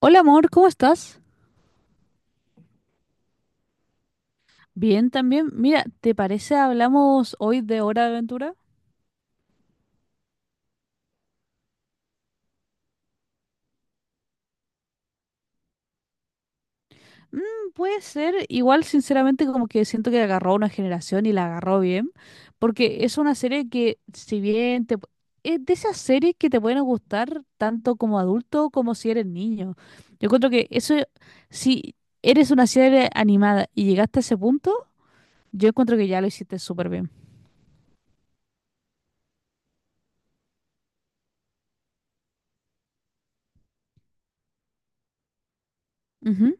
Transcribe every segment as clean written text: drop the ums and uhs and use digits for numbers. Hola amor, ¿cómo estás? Bien también. Mira, ¿te parece hablamos hoy de Hora de Aventura? Mm, puede ser, igual sinceramente como que siento que agarró a una generación y la agarró bien, porque es una serie que si bien es de esas series que te pueden gustar tanto como adulto como si eres niño. Yo encuentro que eso, si eres una serie animada y llegaste a ese punto, yo encuentro que ya lo hiciste súper bien. Ujú.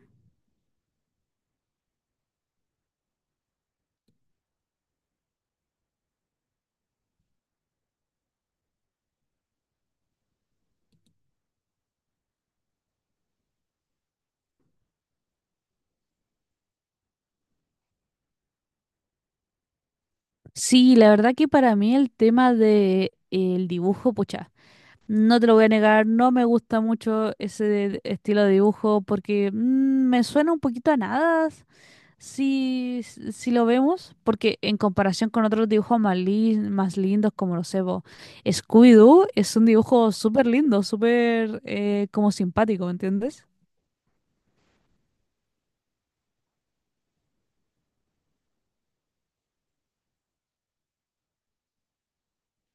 Sí, la verdad que para mí el tema de el dibujo, pucha. No te lo voy a negar, no me gusta mucho ese estilo de dibujo porque me suena un poquito a nada si lo vemos, porque en comparación con otros dibujos más, más lindos como lo sé, po, Scooby-Doo es un dibujo súper lindo, súper como simpático, ¿me entiendes?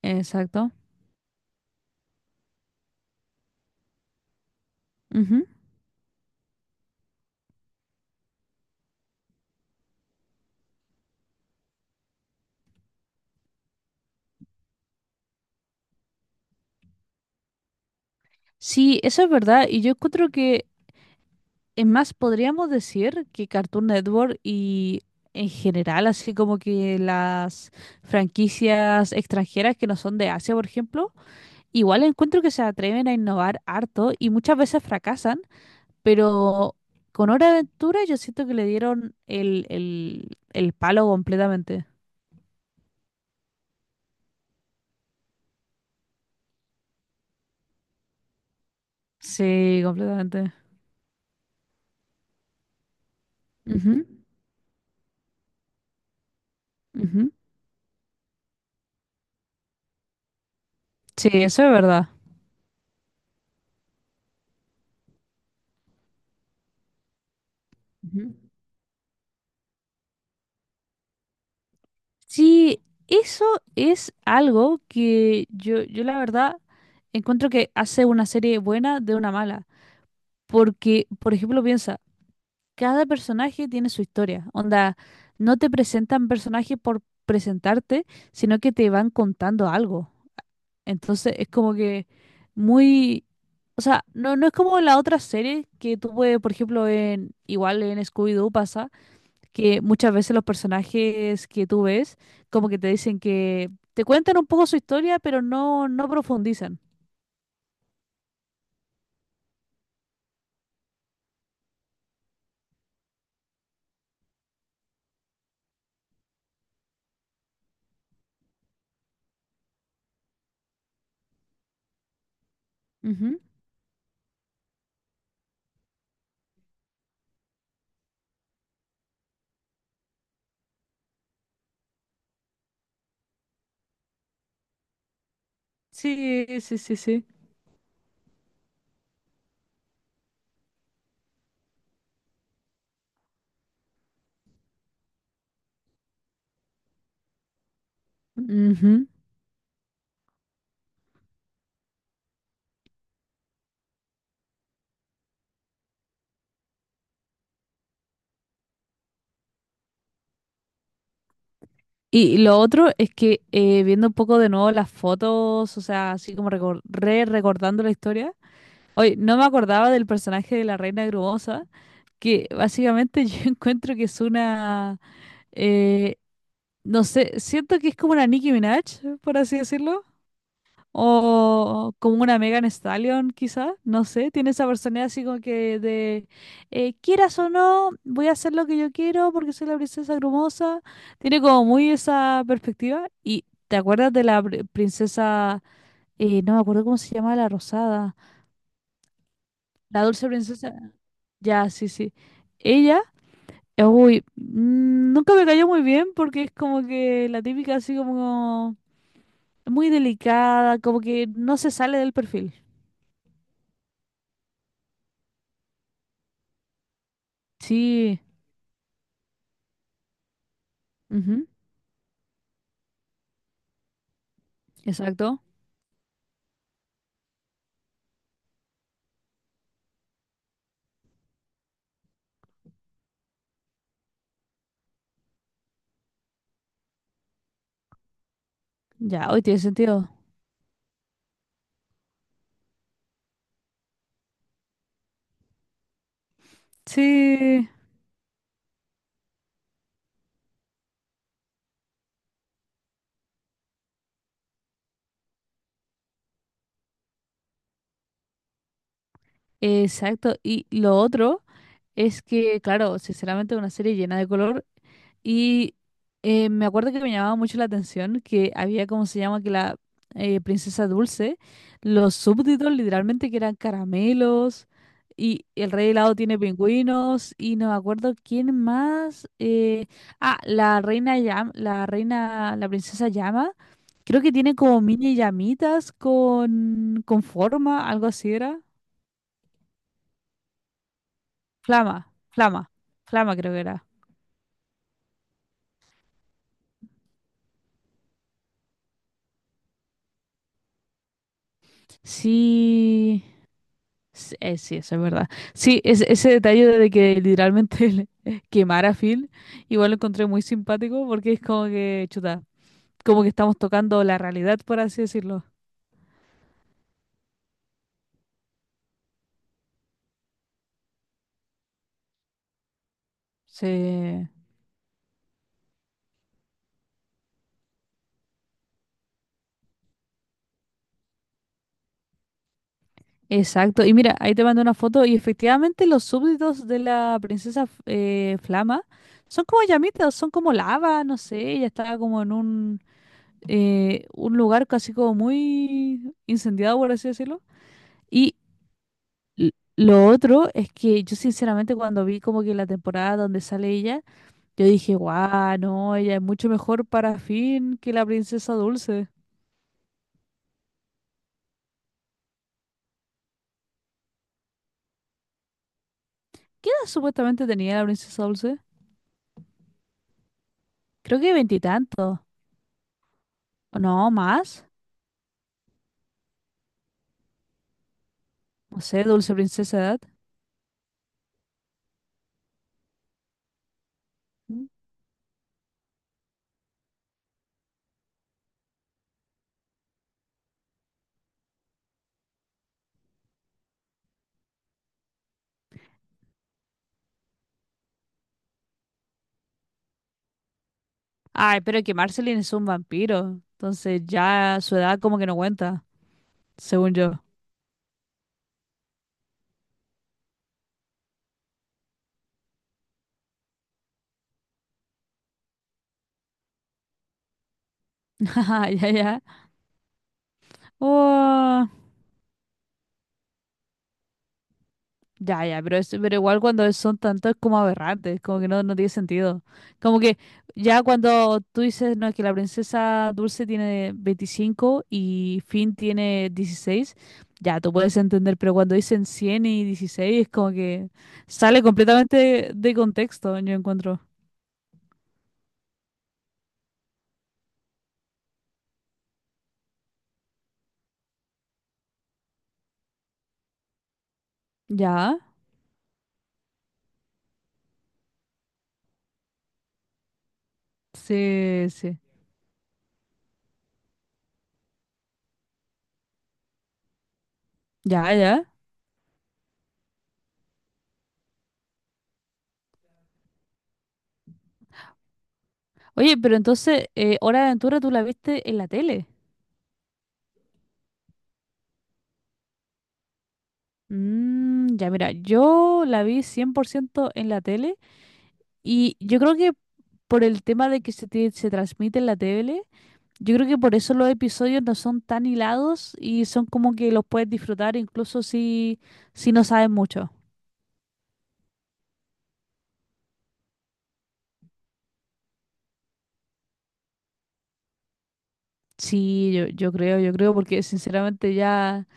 Exacto. Ujú. Sí, eso es verdad, y yo encuentro que es más, podríamos decir que Cartoon Network y en general, así como que las franquicias extranjeras que no son de Asia, por ejemplo, igual encuentro que se atreven a innovar harto y muchas veces fracasan, pero con Hora de Aventura yo siento que le dieron el palo completamente. Sí, completamente. Ujú, ujú. Sí, eso es verdad. Ujú. Sí, eso es algo que yo la verdad encuentro que hace una serie buena de una mala. Porque, por ejemplo, piensa, cada personaje tiene su historia. Onda, no te presentan personajes por presentarte, sino que te van contando algo. Entonces es como que muy... O sea, no es como la otra serie que tuve, por ejemplo, en, igual en Scooby-Doo pasa que muchas veces los personajes que tú ves, como que te dicen que te cuentan un poco su historia, pero no profundizan. Ujú. Sí, sí, sí, sí. Ujú. Y lo otro es que viendo un poco de nuevo las fotos, o sea, así como recor- re recordando la historia, hoy no me acordaba del personaje de la Reina Grumosa, que básicamente yo encuentro que es una, eh, no sé, siento que es como una Nicki Minaj, por así decirlo. O como una Megan Stallion, quizá, no sé, tiene esa personalidad así como que de quieras o no, voy a hacer lo que yo quiero porque soy la princesa grumosa. Tiene como muy esa perspectiva. ¿Y te acuerdas de la princesa, no me acuerdo cómo se llama, la rosada, la dulce princesa? Ya, sí, sí. Ella, nunca me cayó muy bien porque es como que la típica así como muy delicada, como que no se sale del perfil. Sí. Exacto. Ya, hoy tiene sentido. Sí, exacto. Y lo otro, es que, claro, sinceramente una serie llena de color y me acuerdo que me llamaba mucho la atención que había, como se llama? Que la princesa Dulce, los súbditos literalmente que eran caramelos y el rey helado tiene pingüinos y no me acuerdo quién más. La reina Llama, la princesa Llama, creo que tiene como mini llamitas con forma, algo así era. Flama, flama, flama creo que era. Sí, sí, eso es verdad. Sí, ese detalle de que literalmente le quemara a Phil, igual lo encontré muy simpático porque es como que, chuta, como que estamos tocando la realidad, por así decirlo. Sí, exacto. Y mira, ahí te mandé una foto y efectivamente los súbditos de la princesa Flama son como llamitas, son como lava, no sé, ella estaba como en un lugar casi como muy incendiado, por así decirlo. Y L- lo otro es que yo sinceramente cuando vi como que la temporada donde sale ella, yo dije, guau, no, ella es mucho mejor para Finn que la princesa Dulce. ¿Qué edad supuestamente tenía la princesa Dulce? Creo que veintitantos, o no, más. No sé, Dulce Princesa edad. Mm. Ay, pero que Marceline es un vampiro, entonces ya su edad como que no cuenta, según yo. Ya, ya. Oh. Ya, ya, pero, es, pero igual cuando son tantos es como aberrantes, como que no tiene sentido. Como que ya cuando tú dices, no, que la princesa Dulce tiene 25 y Finn tiene 16, ya, tú puedes entender, pero cuando dicen 100 y 16, es como que sale completamente de contexto, yo encuentro. Ya, sí, sí. Ya, ya. Oye, pero entonces, Hora de Aventura tú la viste en la tele. Ya, mira, yo la vi 100% en la tele. Y yo creo que por el tema de que se transmite en la tele, yo creo que por eso los episodios no son tan hilados y son como que los puedes disfrutar incluso si no sabes mucho. Sí, yo creo, porque sinceramente ya,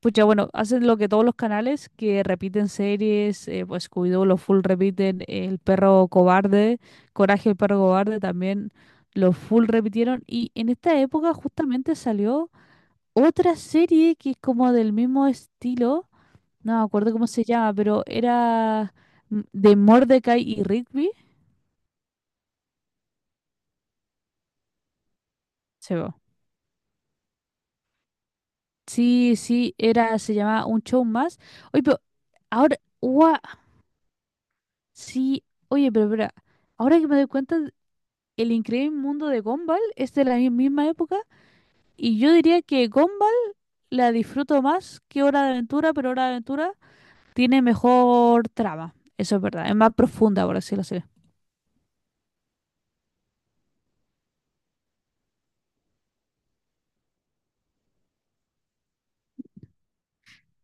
pues ya bueno, hacen lo que todos los canales que repiten series, pues Scooby-Doo, los full repiten, El perro cobarde, Coraje el perro cobarde también, los full repitieron y en esta época justamente salió otra serie que es como del mismo estilo, no me acuerdo cómo se llama, pero era de Mordecai y Rigby. Se va. Sí, sí, era, se llamaba Un Show Más. Oye, pero ahora, ua, sí, oye, pero espera, ahora que me doy cuenta, El Increíble Mundo de Gumball es de la misma época y yo diría que Gumball la disfruto más que Hora de Aventura, pero Hora de Aventura tiene mejor trama. Eso es verdad, es más profunda, por así decirlo. Así.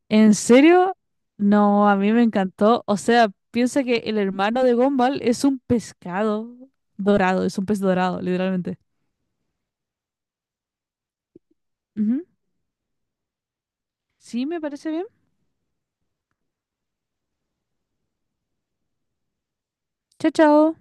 ¿En serio? No, a mí me encantó. O sea, piensa que el hermano de Gumball es un pescado dorado, es un pez dorado, literalmente. Ujú. Sí, me parece bien. Chao, chao.